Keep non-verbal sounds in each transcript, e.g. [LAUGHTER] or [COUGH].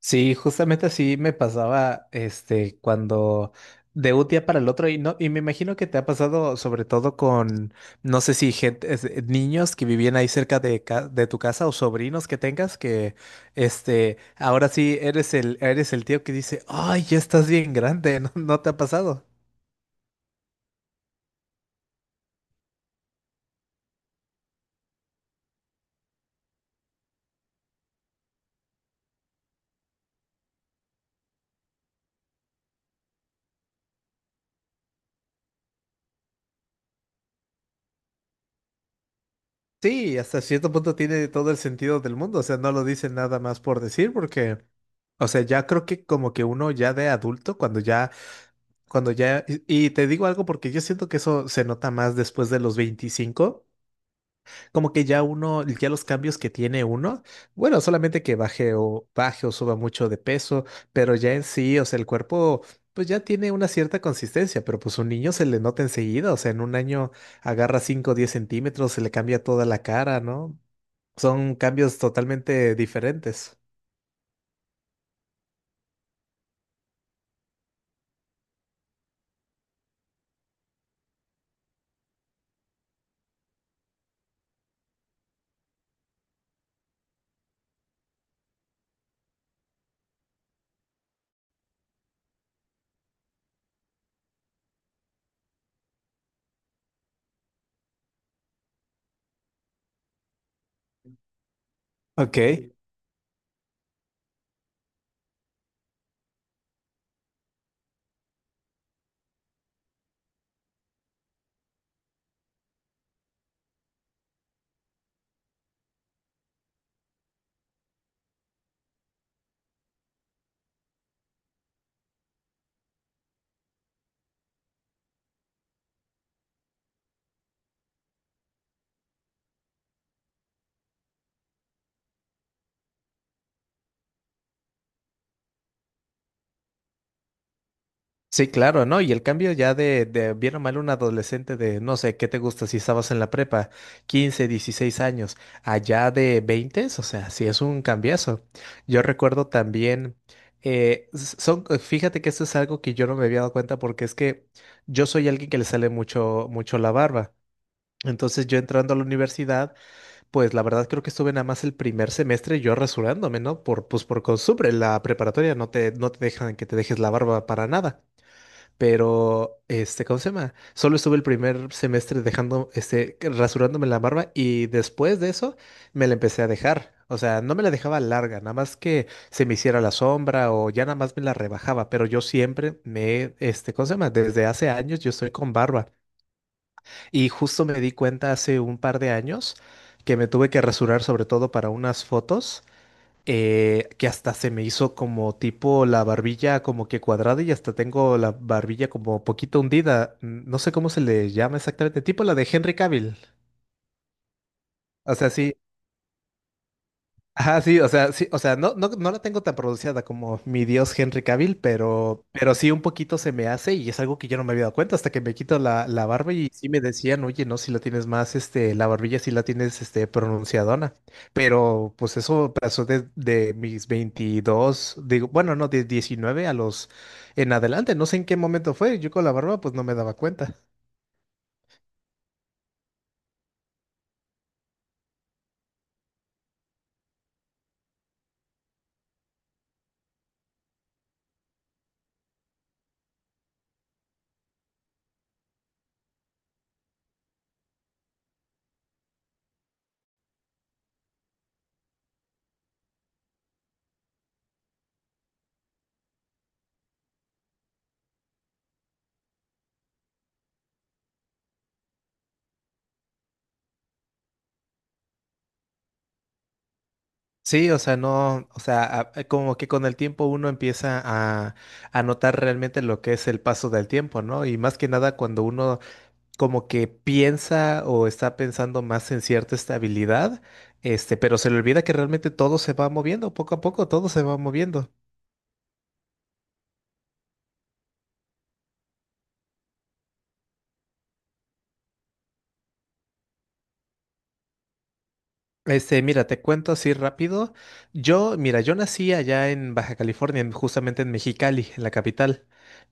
Sí, justamente así me pasaba, cuando de un día para el otro, y no, y me imagino que te ha pasado sobre todo con, no sé si gente, niños que vivían ahí cerca de tu casa o sobrinos que tengas, que, ahora sí eres eres el tío que dice, ay, ya estás bien grande, [LAUGHS] ¿no, no te ha pasado? Sí, hasta cierto punto tiene todo el sentido del mundo, o sea, no lo dicen nada más por decir, porque, o sea, ya creo que como que uno ya de adulto, cuando ya, y te digo algo porque yo siento que eso se nota más después de los 25, como que ya uno, ya los cambios que tiene uno, bueno, solamente que baje o suba mucho de peso, pero ya en sí, o sea, el cuerpo pues ya tiene una cierta consistencia, pero pues un niño se le nota enseguida, o sea, en un año agarra cinco o 10 centímetros, se le cambia toda la cara, ¿no? Son cambios totalmente diferentes. Ok. Sí, claro, ¿no? Y el cambio ya de bien o mal un adolescente de, no sé, ¿qué te gusta si estabas en la prepa? 15, 16 años, allá de 20, o sea, sí es un cambiazo. Yo recuerdo también, fíjate que esto es algo que yo no me había dado cuenta porque es que yo soy alguien que le sale mucho, mucho la barba. Entonces yo entrando a la universidad, pues la verdad creo que estuve nada más el primer semestre yo rasurándome, ¿no? Pues por costumbre, en la preparatoria no te dejan que te dejes la barba para nada. Pero, este, ¿cómo se llama? Solo estuve el primer semestre dejando, rasurándome la barba y después de eso me la empecé a dejar. O sea, no me la dejaba larga, nada más que se me hiciera la sombra o ya nada más me la rebajaba, pero yo siempre me, este, ¿cómo se llama? Desde hace años yo estoy con barba y justo me di cuenta hace un par de años que me tuve que rasurar sobre todo para unas fotos, que hasta se me hizo como tipo la barbilla como que cuadrada y hasta tengo la barbilla como poquito hundida. No sé cómo se le llama exactamente, tipo la de Henry Cavill. O sea, sí. Ajá, sí, o sea, no, no, no la tengo tan pronunciada como mi dios Henry Cavill, pero sí un poquito se me hace y es algo que yo no me había dado cuenta hasta que me quito la barba y sí me decían, oye, no, si la tienes más, la barbilla sí la tienes, pronunciadona. Pero pues eso pasó de, mis 22, digo, bueno, no, de 19 a los en adelante, no sé en qué momento fue, yo con la barba pues no me daba cuenta. Sí, o sea, no, o sea, como que con el tiempo uno empieza a notar realmente lo que es el paso del tiempo, ¿no? Y más que nada cuando uno como que piensa o está pensando más en cierta estabilidad, este, pero se le olvida que realmente todo se va moviendo poco a poco, todo se va moviendo. Mira, te cuento así rápido. Mira, yo nací allá en Baja California, justamente en Mexicali, en la capital.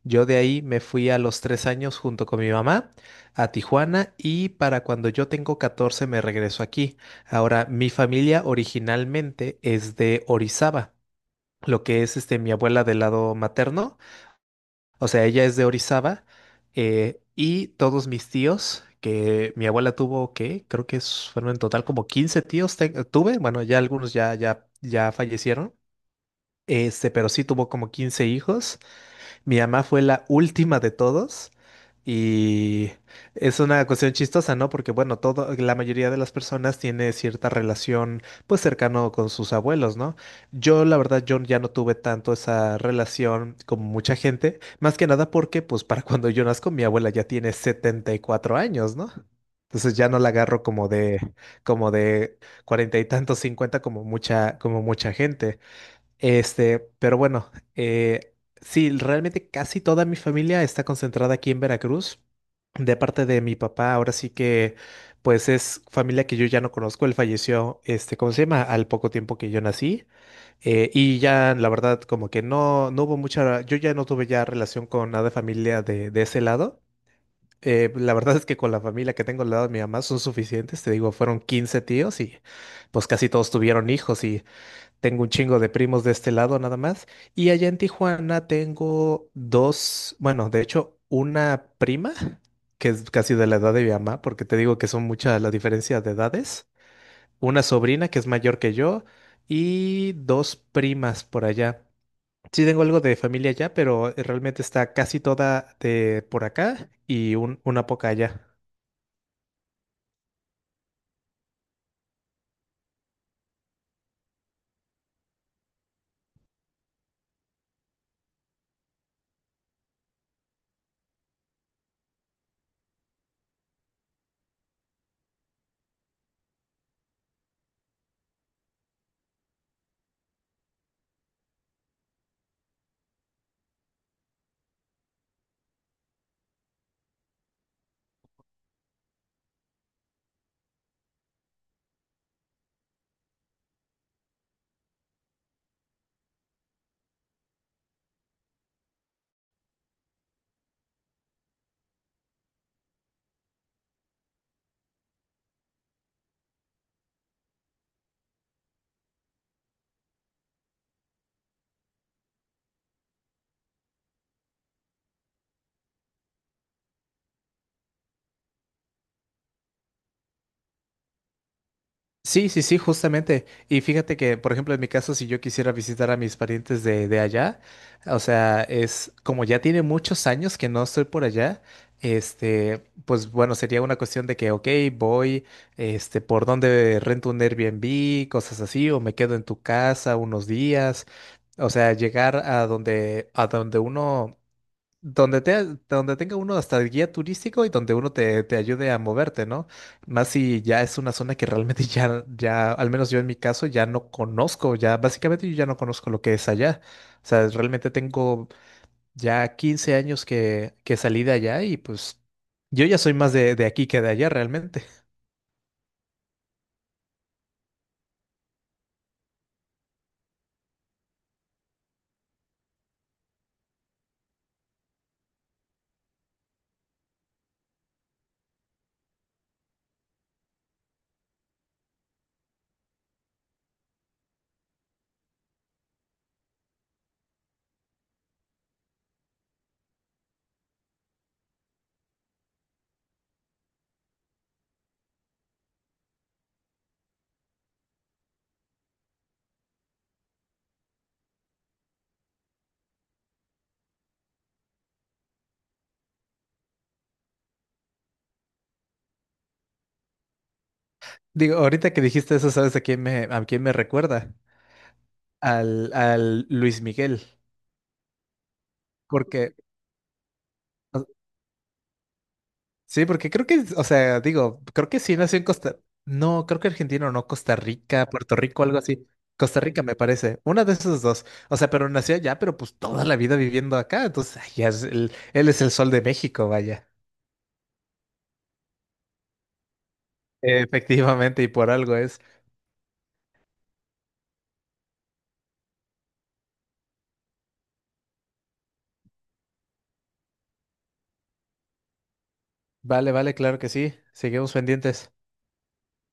Yo de ahí me fui a los 3 años junto con mi mamá a Tijuana y para cuando yo tengo 14 me regreso aquí. Ahora, mi familia originalmente es de Orizaba, lo que es, mi abuela del lado materno, o sea, ella es de Orizaba. Y todos mis tíos, que mi abuela tuvo, que creo que fueron en total como 15 tíos tuve. Bueno, ya algunos ya fallecieron, este, pero sí tuvo como 15 hijos, mi mamá fue la última de todos. Y es una cuestión chistosa, ¿no? Porque bueno, la mayoría de las personas tiene cierta relación pues cercano con sus abuelos, ¿no? Yo la verdad yo ya no tuve tanto esa relación como mucha gente, más que nada porque pues para cuando yo nazco mi abuela ya tiene 74 años, ¿no? Entonces ya no la agarro como de, como de cuarenta y tantos, cincuenta, como mucha gente. Pero bueno, sí, realmente casi toda mi familia está concentrada aquí en Veracruz. De parte de mi papá, ahora sí que, pues es familia que yo ya no conozco. Él falleció, este, ¿cómo se llama? Al poco tiempo que yo nací. Y ya, la verdad, como que no hubo mucha, yo ya no tuve ya relación con nada de familia de ese lado. La verdad es que con la familia que tengo al lado de mi mamá son suficientes. Te digo, fueron 15 tíos y pues casi todos tuvieron hijos y... Tengo un chingo de primos de este lado nada más. Y allá en Tijuana tengo dos, bueno, de hecho, una prima, que es casi de la edad de mi mamá, porque te digo que son muchas la diferencia de edades. Una sobrina que es mayor que yo y dos primas por allá. Sí tengo algo de familia allá, pero realmente está casi toda de por acá y una poca allá. Sí, sí, sí, justamente. Y fíjate que, por ejemplo, en mi caso, si yo quisiera visitar a mis parientes de, allá, o sea, es como ya tiene muchos años que no estoy por allá, este, pues bueno, sería una cuestión de que, ok, voy, este, por dónde rento un Airbnb, cosas así, o me quedo en tu casa unos días. O sea, llegar a donde uno, donde tenga uno hasta el guía turístico y donde uno te ayude a moverte, ¿no? Más si ya es una zona que realmente [LAUGHS] al menos yo en mi caso, ya no conozco, ya básicamente yo ya no conozco lo que es allá. O sea, realmente tengo ya 15 años que salí de allá y pues yo ya soy más de, aquí que de allá realmente. [LAUGHS] Digo, ahorita que dijiste eso, ¿sabes a quién me recuerda? Al Luis Miguel. Porque, o Sí, porque creo que, o sea, digo, creo que sí nació en Costa, no, creo que argentino, no, Costa Rica, Puerto Rico, algo así. Costa Rica me parece, una de esas dos. O sea, pero nació allá, pero pues toda la vida viviendo acá. Entonces, ay, ya es él es el sol de México, vaya. Efectivamente, y por algo es. Vale, vale, claro que sí. Seguimos pendientes.